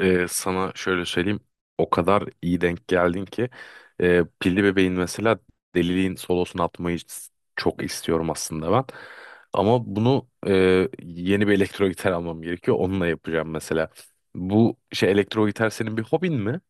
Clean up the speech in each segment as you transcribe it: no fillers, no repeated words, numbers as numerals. Sana şöyle söyleyeyim. O kadar iyi denk geldin ki Pilli Bebeğin mesela Deliliğin solosunu atmayı çok istiyorum aslında ben. Ama bunu yeni bir elektro gitar almam gerekiyor. Onunla yapacağım mesela. Bu şey elektro gitar senin bir hobin mi?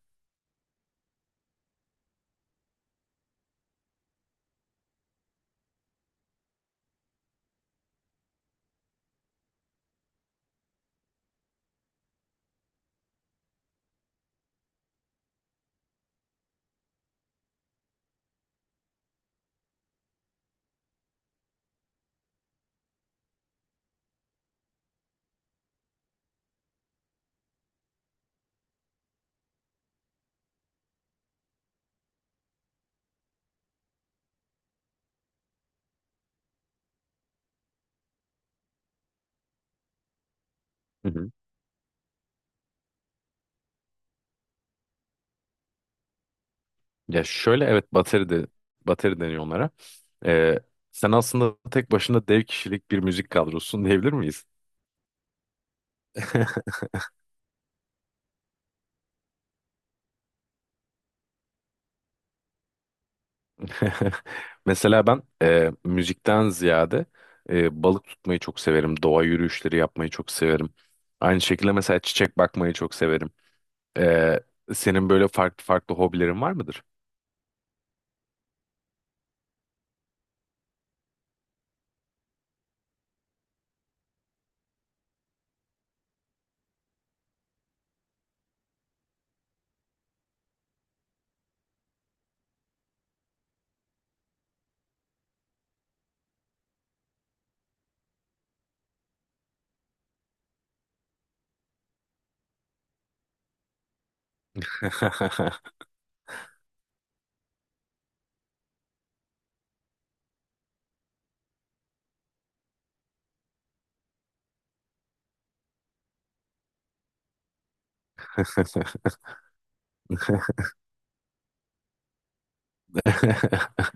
Hı hı. Ya şöyle, evet, bateri de bateri deniyor onlara. Ee, Sen aslında tek başına dev kişilik bir müzik kadrosun diyebilir miyiz? Mesela ben müzikten ziyade balık tutmayı çok severim. Doğa yürüyüşleri yapmayı çok severim. Aynı şekilde mesela çiçek bakmayı çok severim. E, Senin böyle farklı farklı hobilerin var mıdır?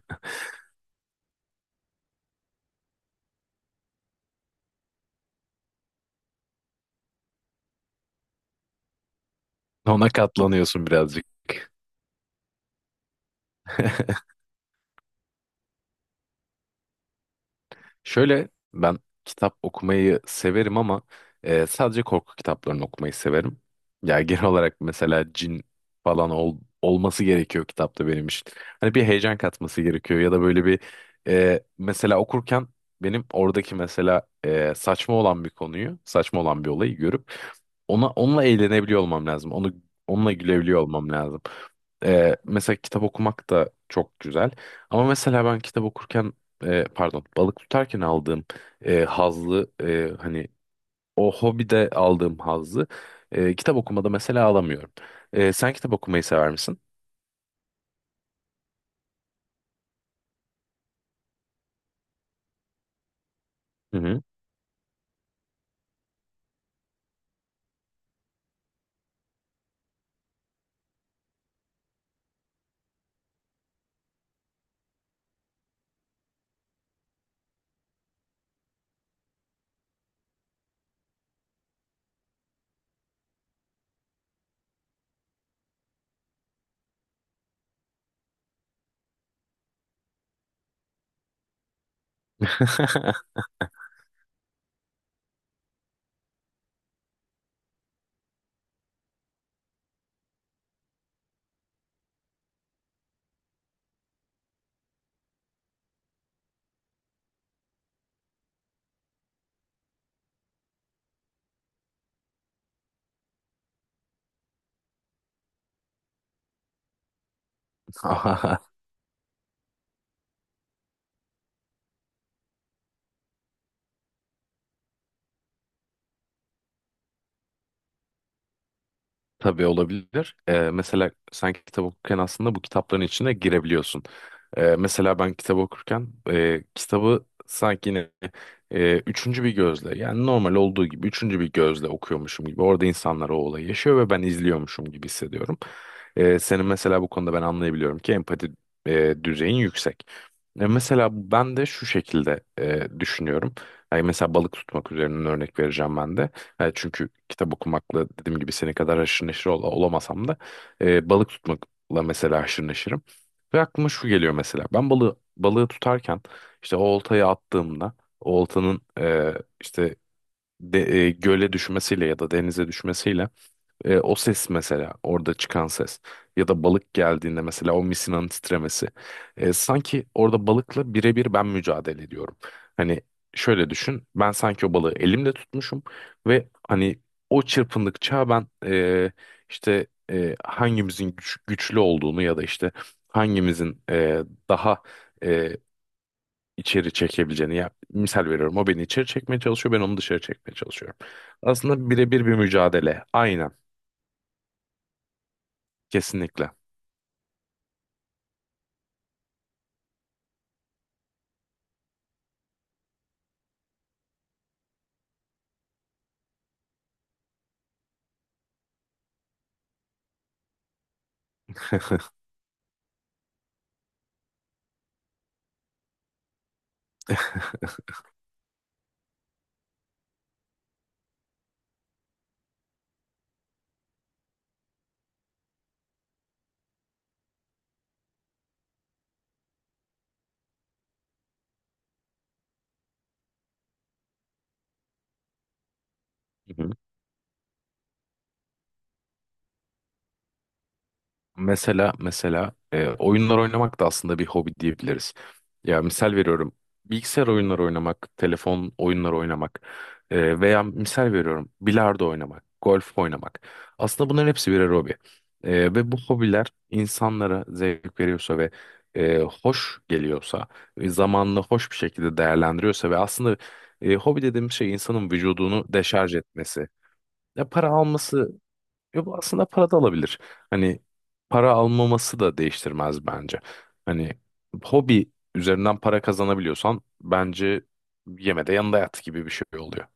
Ona katlanıyorsun birazcık. Şöyle, ben kitap okumayı severim ama sadece korku kitaplarını okumayı severim. Ya genel olarak mesela cin falan olması gerekiyor kitapta benim için. Hani bir heyecan katması gerekiyor ya da böyle bir, mesela okurken benim oradaki mesela saçma olan bir konuyu, saçma olan bir olayı görüp ona onunla eğlenebiliyor olmam lazım. Onu onunla gülebiliyor olmam lazım. Mesela kitap okumak da çok güzel. Ama mesela ben kitap okurken pardon, balık tutarken aldığım hazzı, hani o hobide aldığım hazzı, kitap okumada mesela alamıyorum. Sen kitap okumayı sever misin? Hı hı. Aha. Tabii olabilir. Mesela sen kitap okurken aslında bu kitapların içine girebiliyorsun. Mesela ben kitap okurken kitabı sanki yine üçüncü bir gözle, yani normal olduğu gibi üçüncü bir gözle okuyormuşum gibi orada insanlar o olayı yaşıyor ve ben izliyormuşum gibi hissediyorum. Senin mesela bu konuda ben anlayabiliyorum ki empati düzeyin yüksek. Mesela ben de şu şekilde düşünüyorum. Yani mesela balık tutmak üzerinden örnek vereceğim ben de. Çünkü kitap okumakla dediğim gibi senin kadar haşır neşir olamasam da balık tutmakla mesela haşır neşirim. Ve aklıma şu geliyor mesela. Ben balığı tutarken işte o oltayı attığımda o oltanın, işte, göle düşmesiyle ya da denize düşmesiyle, o ses mesela orada çıkan ses ya da balık geldiğinde mesela o misinanın titremesi. Sanki orada balıkla birebir ben mücadele ediyorum. Hani şöyle düşün, ben sanki o balığı elimle tutmuşum ve hani o çırpındıkça ben işte hangimizin güçlü olduğunu ya da işte hangimizin daha e, içeri çekebileceğini, ya misal veriyorum, o beni içeri çekmeye çalışıyor, ben onu dışarı çekmeye çalışıyorum. Aslında birebir bir mücadele, aynen, kesinlikle. Hı hı. Mesela oyunlar oynamak da aslında bir hobi diyebiliriz. Ya misal veriyorum, bilgisayar oyunları oynamak, telefon oyunları oynamak, veya misal veriyorum, bilardo oynamak, golf oynamak. Aslında bunların hepsi birer hobi. Ve bu hobiler insanlara zevk veriyorsa ve hoş geliyorsa, zamanını hoş bir şekilde değerlendiriyorsa ve aslında hobi dediğimiz şey insanın vücudunu deşarj etmesi. Ya, para alması... Yo, bu aslında para da alabilir. Hani para almaması da değiştirmez bence. Hani hobi üzerinden para kazanabiliyorsan bence yeme de yanında yat gibi bir şey oluyor.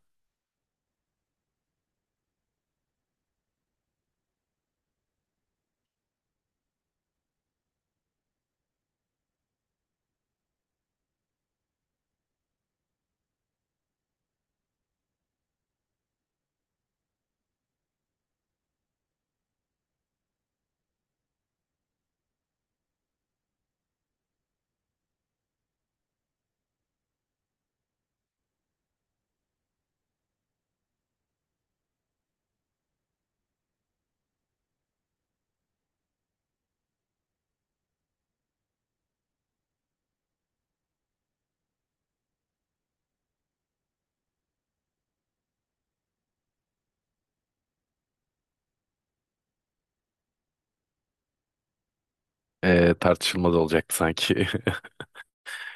Tartışılmaz olacaktı sanki.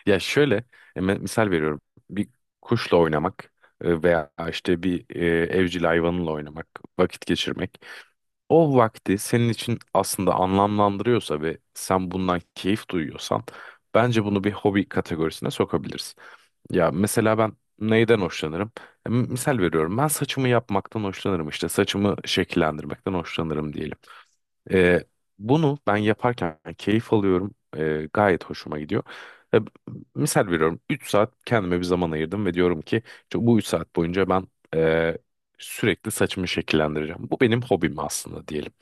Ya şöyle, misal veriyorum. Bir kuşla oynamak veya işte bir, evcil hayvanla oynamak, vakit geçirmek. O vakti senin için aslında anlamlandırıyorsa ve sen bundan keyif duyuyorsan bence bunu bir hobi kategorisine sokabilirsin. Ya mesela ben neyden hoşlanırım? Misal veriyorum, ben saçımı yapmaktan hoşlanırım, işte saçımı şekillendirmekten hoşlanırım diyelim. E, Bunu ben yaparken keyif alıyorum, gayet hoşuma gidiyor. E, Misal veriyorum, 3 saat kendime bir zaman ayırdım ve diyorum ki işte bu 3 saat boyunca ben e, sürekli saçımı şekillendireceğim. Bu benim hobim aslında diyelim.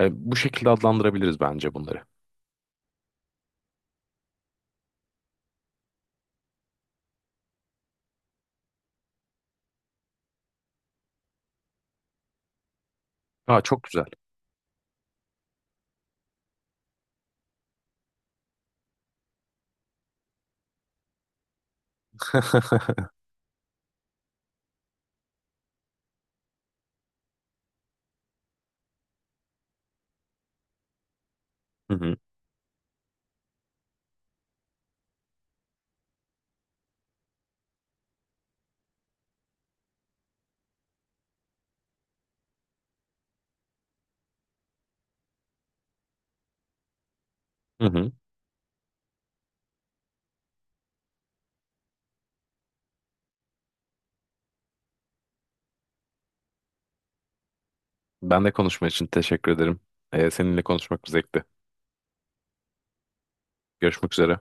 Bu şekilde adlandırabiliriz bence bunları. Aa, çok güzel. Hı hı. Hı hı. Ben de konuşma için teşekkür ederim. Seninle konuşmak bir zevkti. Görüşmek üzere.